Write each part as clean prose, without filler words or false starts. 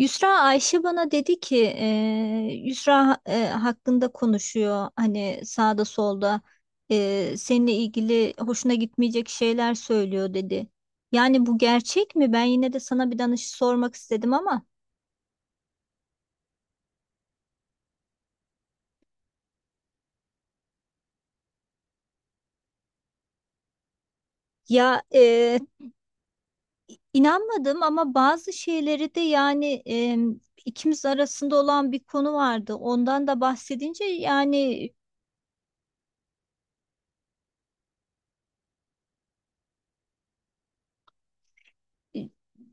Yusra Ayşe bana dedi ki Yusra hakkında konuşuyor hani sağda solda seninle ilgili hoşuna gitmeyecek şeyler söylüyor dedi. Yani bu gerçek mi? Ben yine de sana bir danış sormak istedim ama ya eee, inanmadım ama bazı şeyleri de yani ikimiz arasında olan bir konu vardı. Ondan da bahsedince yani.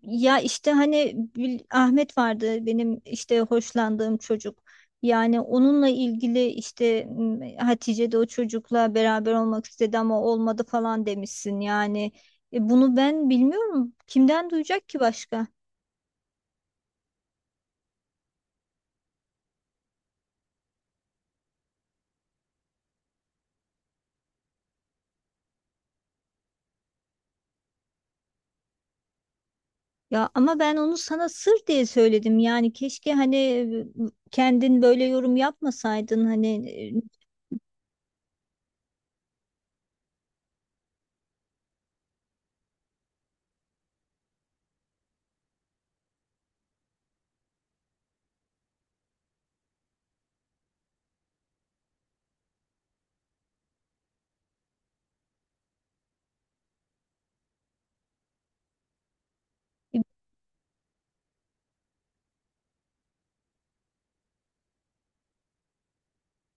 Ya işte hani Ahmet vardı benim işte hoşlandığım çocuk. Yani onunla ilgili işte Hatice de o çocukla beraber olmak istedi ama olmadı falan demişsin. Yani bunu ben bilmiyorum. Kimden duyacak ki başka? Ya ama ben onu sana sır diye söyledim. Yani keşke hani kendin böyle yorum yapmasaydın. Hani ıı,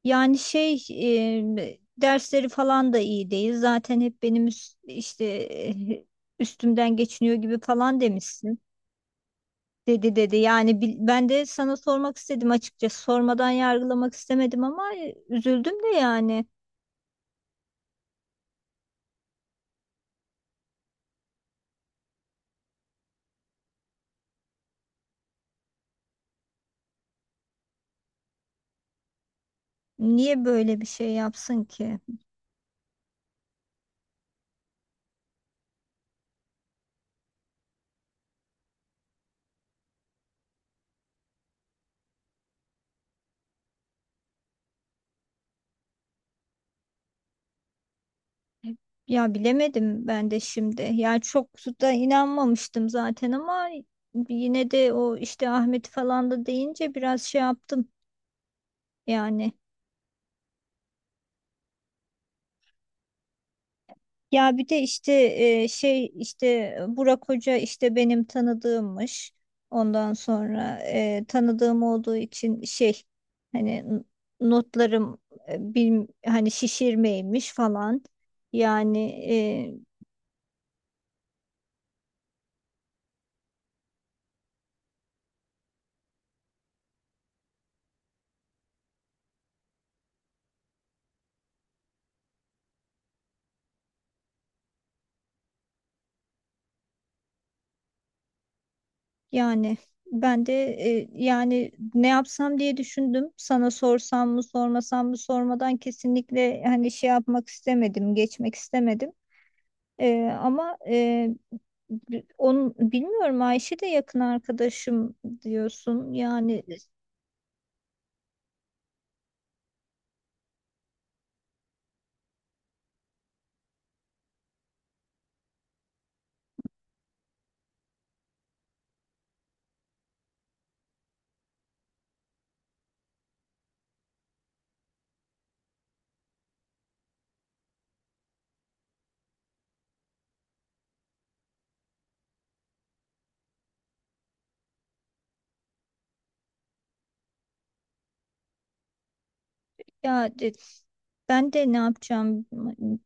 yani şey dersleri falan da iyi değil. Zaten hep benim işte üstümden geçiniyor gibi falan demişsin. Dedi. Yani ben de sana sormak istedim açıkçası. Sormadan yargılamak istemedim ama üzüldüm de yani. Niye böyle bir şey yapsın ki? Ya bilemedim ben de şimdi. Yani çok da inanmamıştım zaten ama yine de o işte Ahmet falan da deyince biraz şey yaptım yani. Ya bir de işte şey işte Burak Hoca işte benim tanıdığımmış. Ondan sonra tanıdığım olduğu için şey hani n- notlarım hani şişirmeymiş falan. Yani, yani ben de yani ne yapsam diye düşündüm. Sana sorsam mı sormasam mı sormadan kesinlikle hani şey yapmak istemedim, geçmek istemedim. Ama onun bilmiyorum Ayşe de yakın arkadaşım diyorsun. Yani ya de- ben de ne yapacağım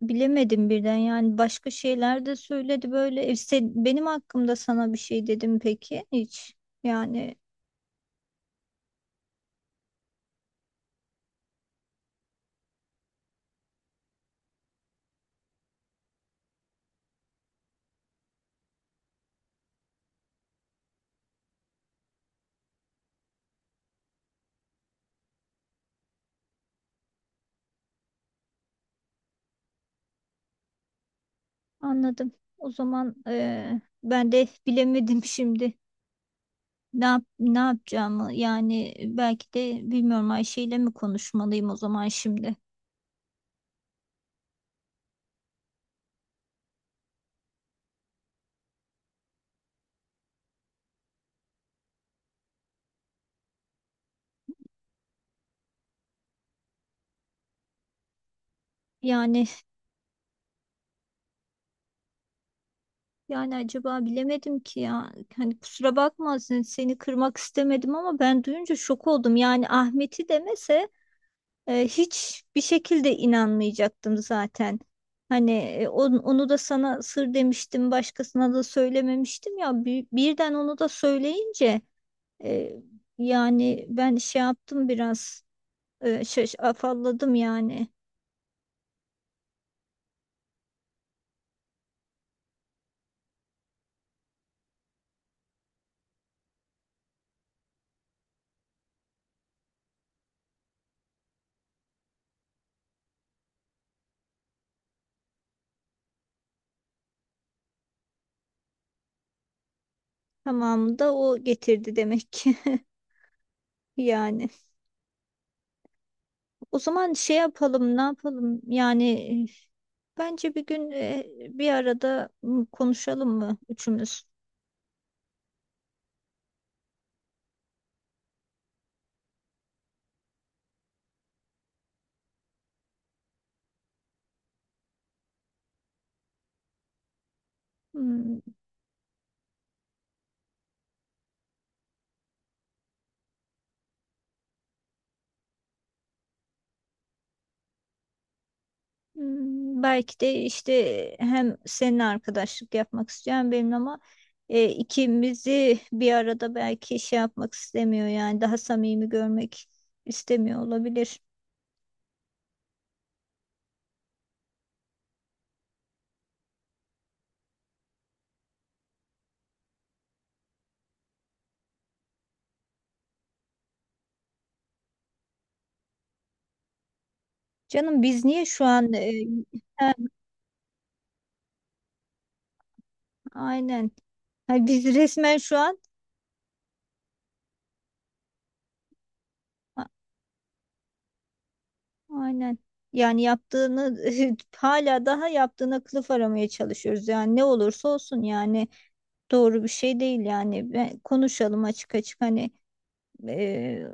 bilemedim birden. Yani başka şeyler de söyledi böyle. Benim hakkımda sana bir şey dedim peki hiç. Yani, anladım. O zaman ben de bilemedim şimdi. Ne yap, ne yapacağımı yani belki de bilmiyorum Ayşe ile mi konuşmalıyım o zaman şimdi. Yani, yani acaba bilemedim ki ya. Hani kusura bakma seni kırmak istemedim ama ben duyunca şok oldum. Yani Ahmet'i demese hiç bir şekilde inanmayacaktım zaten. Hani onu da sana sır demiştim, başkasına da söylememiştim ya. Birden onu da söyleyince E, yani ben şey yaptım biraz e, şaş afalladım yani. Tamamı da o getirdi demek ki yani. O zaman şey yapalım ne yapalım yani, bence bir gün bir arada konuşalım mı üçümüz? Hmm. Hmm, belki de işte hem seninle arkadaşlık yapmak isteyen benim ama ikimizi bir arada belki şey yapmak istemiyor yani daha samimi görmek istemiyor olabilir. Canım biz niye şu an ha, aynen. Ha, biz resmen şu an a- aynen. Yani yaptığını hala daha yaptığına kılıf aramaya çalışıyoruz. Yani ne olursa olsun yani doğru bir şey değil yani. Ben, konuşalım açık açık hani, e,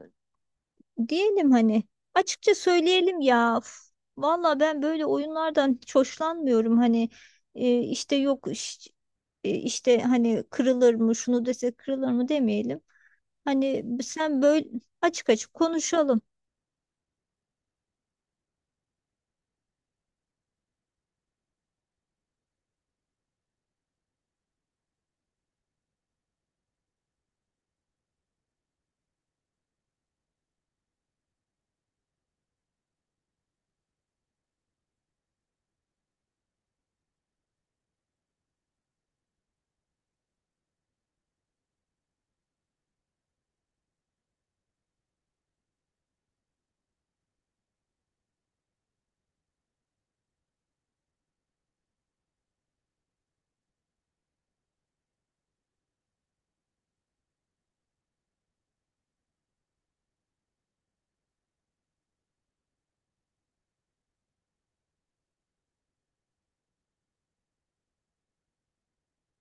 diyelim hani açıkça söyleyelim ya. Uf, vallahi ben böyle oyunlardan hiç hoşlanmıyorum. Hani e, işte yok iş- e, işte hani kırılır mı şunu dese kırılır mı demeyelim. Hani sen böyle açık açık konuşalım.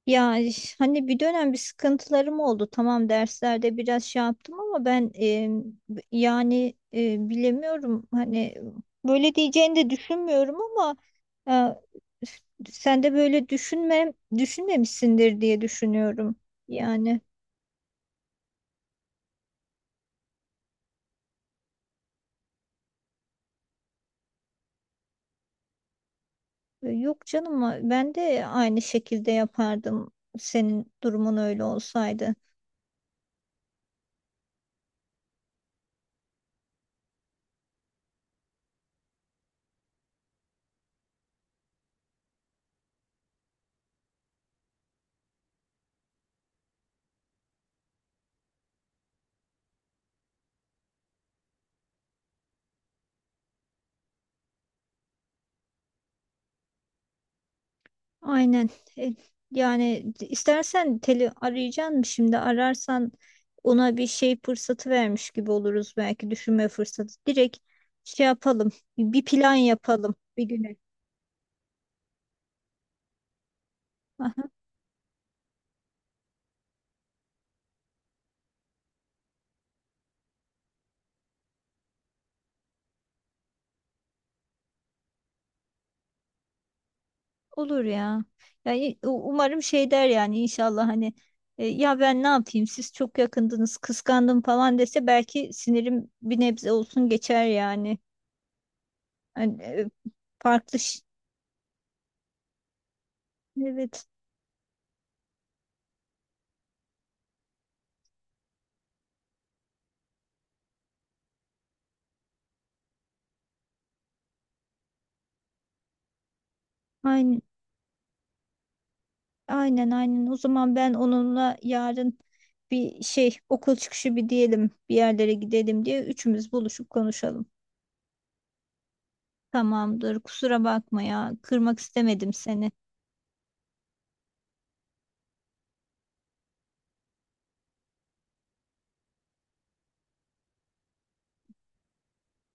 Hani bir dönem bir sıkıntılarım oldu. Tamam derslerde biraz şey yaptım ama ben yani bilemiyorum. Hani böyle diyeceğini de düşünmüyorum ama sen de böyle düşünmemişsindir diye düşünüyorum. Yani yok canım ben de aynı şekilde yapardım senin durumun öyle olsaydı. Aynen. E, yani istersen teli arayacaksın şimdi ararsan ona bir şey fırsatı vermiş gibi oluruz belki düşünme fırsatı. Direkt şey yapalım. Bir plan yapalım bir güne. Aha, olur ya. Yani umarım şey der yani inşallah hani, ya ben ne yapayım siz çok yakındınız kıskandım falan dese belki sinirim bir nebze olsun geçer yani. Hani, farklı ş- evet. Aynen. Aynen, aynen. O zaman ben onunla yarın bir şey okul çıkışı bir diyelim bir yerlere gidelim diye üçümüz buluşup konuşalım. Tamamdır. Kusura bakma ya. Kırmak istemedim seni.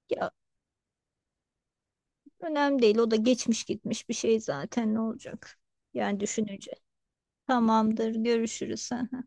Ya önemli değil. O da geçmiş gitmiş bir şey zaten ne olacak? Yani düşününce. Tamamdır. Görüşürüz. Hı hı.